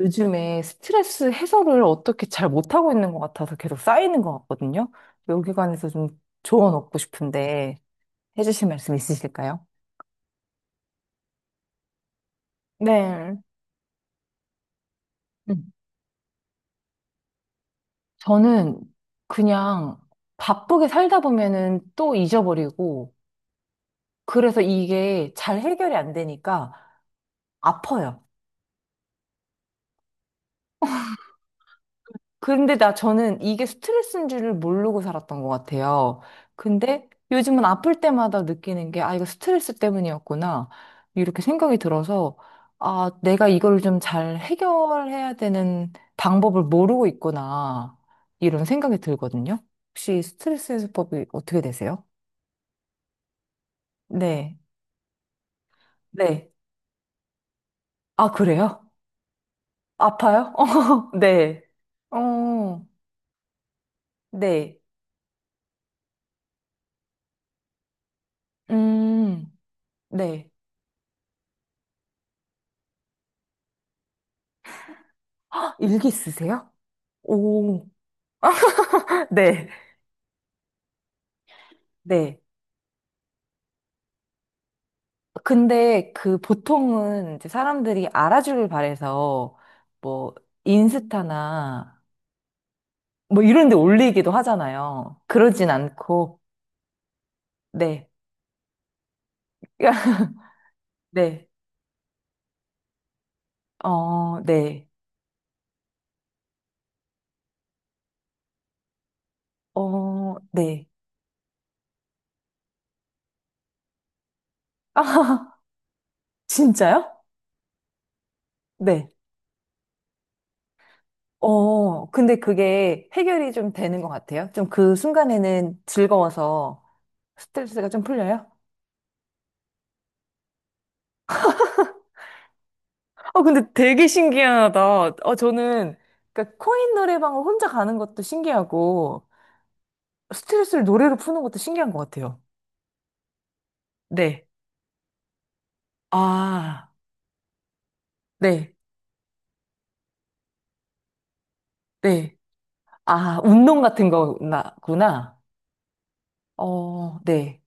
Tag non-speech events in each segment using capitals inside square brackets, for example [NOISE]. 요즘에 스트레스 해소를 어떻게 잘 못하고 있는 것 같아서 계속 쌓이는 것 같거든요. 여기 관해서 좀 조언 얻고 싶은데 해주실 말씀 있으실까요? 네. 음. 저는 그냥 바쁘게 살다 보면은 또 잊어버리고 그래서 이게 잘 해결이 안 되니까 아파요. 근데 나 저는 이게 스트레스인 줄을 모르고 살았던 것 같아요. 근데 요즘은 아플 때마다 느끼는 게, 아, 이거 스트레스 때문이었구나. 이렇게 생각이 들어서, 아, 내가 이걸 좀 잘 해결해야 되는 방법을 모르고 있구나. 이런 생각이 들거든요. 혹시 스트레스 해소법이 어떻게 되세요? 네. 네. 아, 그래요? 아파요? [LAUGHS] 어, 네. 어, 네. 음, 네. 헉, 일기 쓰세요? 오. 네. 네. 근데 그 보통은 이제 사람들이 알아주길 바래서 뭐 인스타나 뭐 이런 데 올리기도 하잖아요. 그러진 않고, 네. [LAUGHS] 네. 어, 네. 어, 네. [LAUGHS] 아, 진짜요? 네. 어, 근데 그게 해결이 좀 되는 것 같아요. 좀 그 순간에는 즐거워서 스트레스가 좀 풀려요? 어, 근데 되게 신기하다. 어, 저는, 그러니까 코인 노래방을 혼자 가는 것도 신기하고, 스트레스를 노래로 푸는 것도 신기한 것 같아요. 네. 아, 네, 네. 아, 운동 같은 거구나. 어, 네.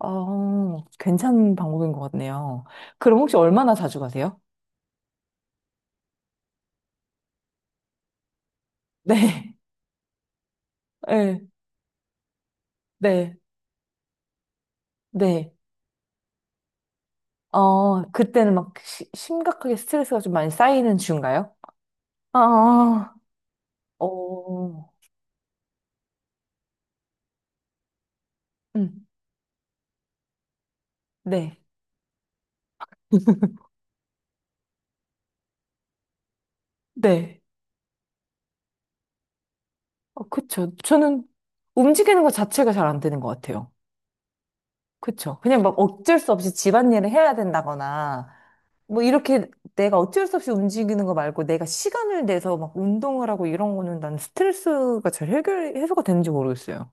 어, 괜찮은 방법인 것 같네요. 그럼 혹시 얼마나 자주 가세요? 네, [LAUGHS] 네, 네, 네. 어, 그때는 막 심각하게 스트레스가 좀 많이 쌓이는 중인가요? 아, 어, 음, 네. 네. 어, 그쵸. 저는 움직이는 것 자체가 잘 안 되는 것 같아요. 그쵸. 그냥 막 어쩔 수 없이 집안일을 해야 된다거나, 뭐 이렇게 내가 어쩔 수 없이 움직이는 거 말고 내가 시간을 내서 막 운동을 하고 이런 거는 난 스트레스가 잘 해결, 해소가 되는지 모르겠어요.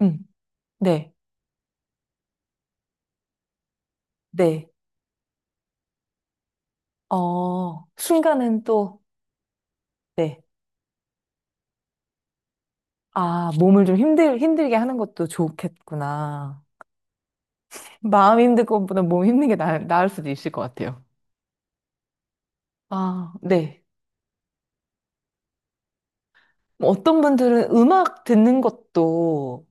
음. 네. 네. 어, 순간은 또, 네. 아, 몸을 좀 힘들게 하는 것도 좋겠구나. 마음 힘든 것보다 몸 힘든 게 나을 수도 있을 것 같아요. 아, 네. 뭐 어떤 분들은 음악 듣는 것도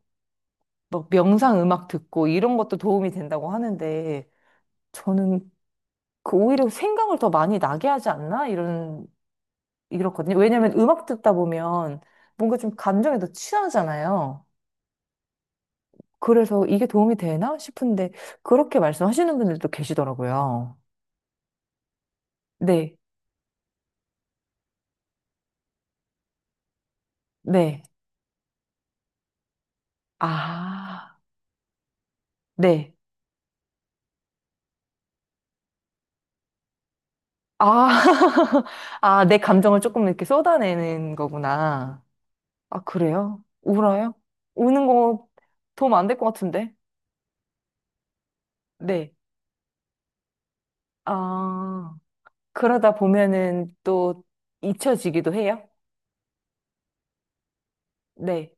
막 명상 음악 듣고 이런 것도 도움이 된다고 하는데 저는 그 오히려 생각을 더 많이 나게 하지 않나? 이런, 이렇거든요. 왜냐면 음악 듣다 보면 뭔가 좀 감정에 더 취하잖아요. 그래서 이게 도움이 되나 싶은데 그렇게 말씀하시는 분들도 계시더라고요. 네, 네. 아, 네. 아, [LAUGHS] 아, 내 감정을 조금 이렇게 쏟아내는 거구나. 아, 그래요? 울어요? 우는 거 도움 안 될 것 같은데? 네. 아, 그러다 보면은 또 잊혀지기도 해요? 네.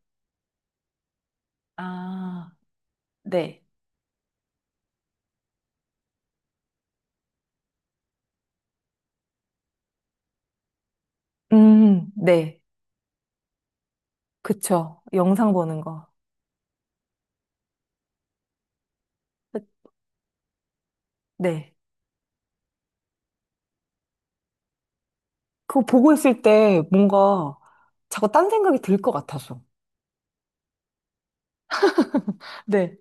아, 네. 네. 그쵸. 영상 보는 거. 네. 그거 보고 있을 때 뭔가 자꾸 딴 생각이 들 것 같아서. 네.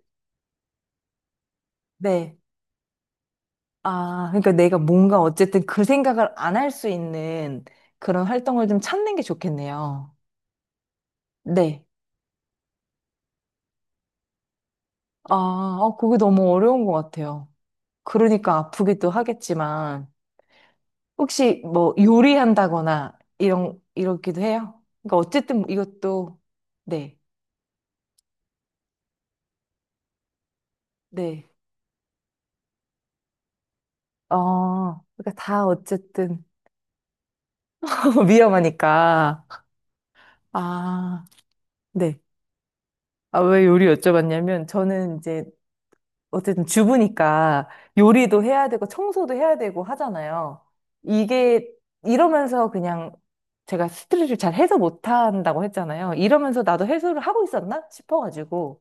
네. 아, 그러니까 내가 뭔가 어쨌든 그 생각을 안 할 수 있는 그런 활동을 좀 찾는 게 좋겠네요. 네. 아, 어, 그게 너무 어려운 것 같아요. 그러니까 아프기도 하겠지만, 혹시 뭐 요리한다거나, 이러기도 해요? 그러니까 어쨌든 뭐 이것도, 네, 네. 어, 그러니까 다 어쨌든 [LAUGHS] 위험하니까. 아, 네. 아, 왜 요리 여쭤봤냐면, 저는 이제 어쨌든 주부니까 요리도 해야 되고 청소도 해야 되고 하잖아요. 이게 이러면서 그냥 제가 스트레스를 잘 해소 못 한다고 했잖아요. 이러면서 나도 해소를 하고 있었나 싶어가지고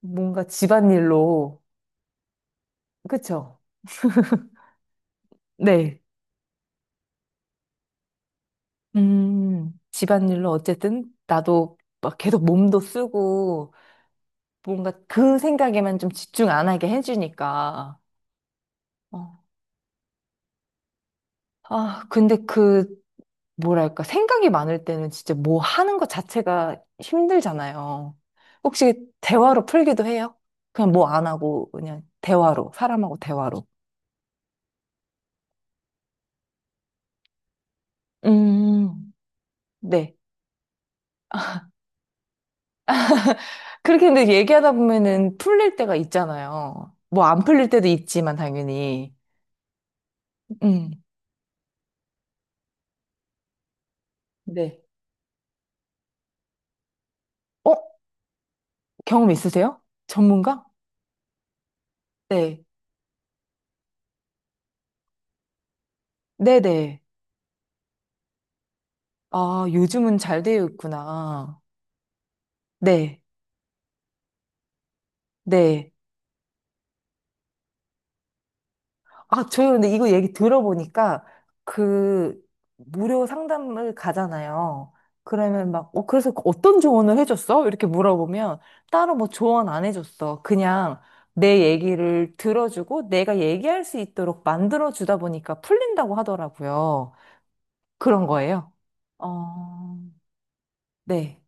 뭔가 집안일로 그쵸? 네. 집안일로 어쨌든 나도 막 계속 몸도 쓰고 뭔가 그 생각에만 좀 집중 안 하게 해주니까. 어. 아, 근데 그 뭐랄까, 생각이 많을 때는 진짜 뭐 하는 것 자체가 힘들잖아요. 혹시 대화로 풀기도 해요? 그냥 뭐 안 하고, 그냥 대화로, 사람하고 대화로. 음, 네. 그렇게 근데 얘기하다 보면은 풀릴 때가 있잖아요. 뭐 안 풀릴 때도 있지만, 당연히. 음, 네. 어? 경험 있으세요? 전문가? 네. 네네. 아, 요즘은 잘 되어 있구나. 네. 네. 아, 저 근데 이거 얘기 들어보니까 그 무료 상담을 가잖아요. 그러면 막, 어, 그래서 어떤 조언을 해줬어? 이렇게 물어보면 따로 뭐 조언 안 해줬어. 그냥 내 얘기를 들어주고 내가 얘기할 수 있도록 만들어주다 보니까 풀린다고 하더라고요. 그런 거예요. 어, 네,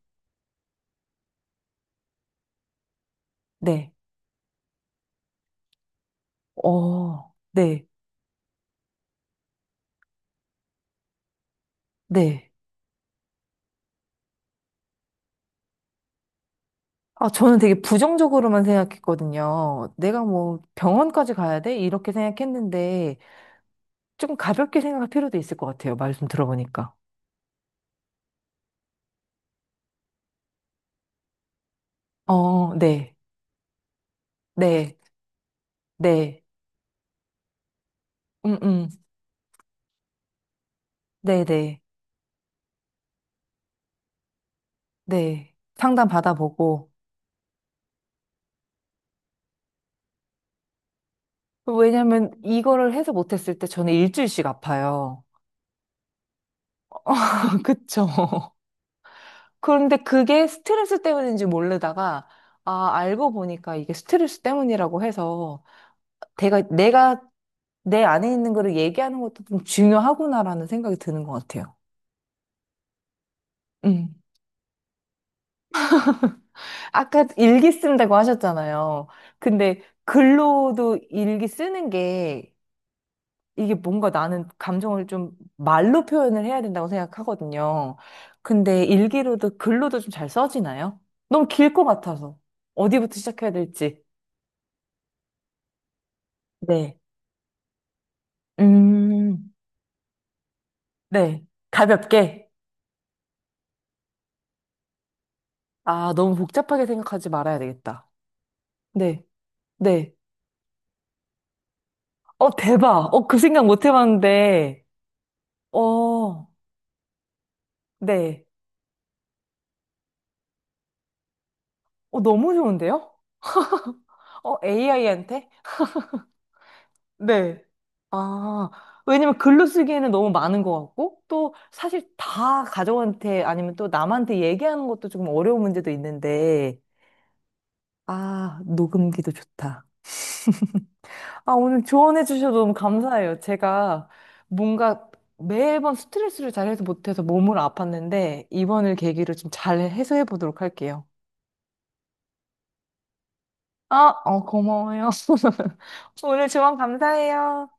네, 어, 네, 네. 아, 저는 되게 부정적으로만 생각했거든요. 내가 뭐 병원까지 가야 돼? 이렇게 생각했는데, 조금 가볍게 생각할 필요도 있을 것 같아요. 말씀 들어보니까. 어, 네, 네, 네, 음, 음, 네, 네, 네. 상담 받아보고. 왜냐면 이거를 해서 못했을 때 저는 일주일씩 아파요. [LAUGHS] 그쵸. 그런데 그게 스트레스 때문인지 모르다가, 아, 알고 보니까 이게 스트레스 때문이라고 해서, 내가 내 안에 있는 거를 얘기하는 것도 좀 중요하구나라는 생각이 드는 것 같아요. 음. 아까 일기 쓴다고 하셨잖아요. 근데 글로도 일기 쓰는 게 이게 뭔가 나는 감정을 좀 말로 표현을 해야 된다고 생각하거든요. 근데 일기로도 글로도 좀 잘 써지나요? 너무 길 것 같아서. 어디부터 시작해야 될지. 네. 음, 네. 가볍게. 아, 너무 복잡하게 생각하지 말아야 되겠다. 네. 네. 어, 대박. 어, 그 생각 못 해봤는데. 어, 네. 어, 너무 좋은데요? 어, AI한테? 네. 아, 왜냐면 글로 쓰기에는 너무 많은 것 같고, 또 사실 다 가족한테 아니면 또 남한테 얘기하는 것도 조금 어려운 문제도 있는데, 아, 녹음기도 좋다. 아, 오늘 조언해 주셔서 너무 감사해요. 제가 뭔가 매번 스트레스를 잘 해소 못해서 몸으로 아팠는데, 이번을 계기로 좀 잘 해소해 보도록 할게요. 아, 어, 고마워요. [LAUGHS] 오늘 조언 감사해요.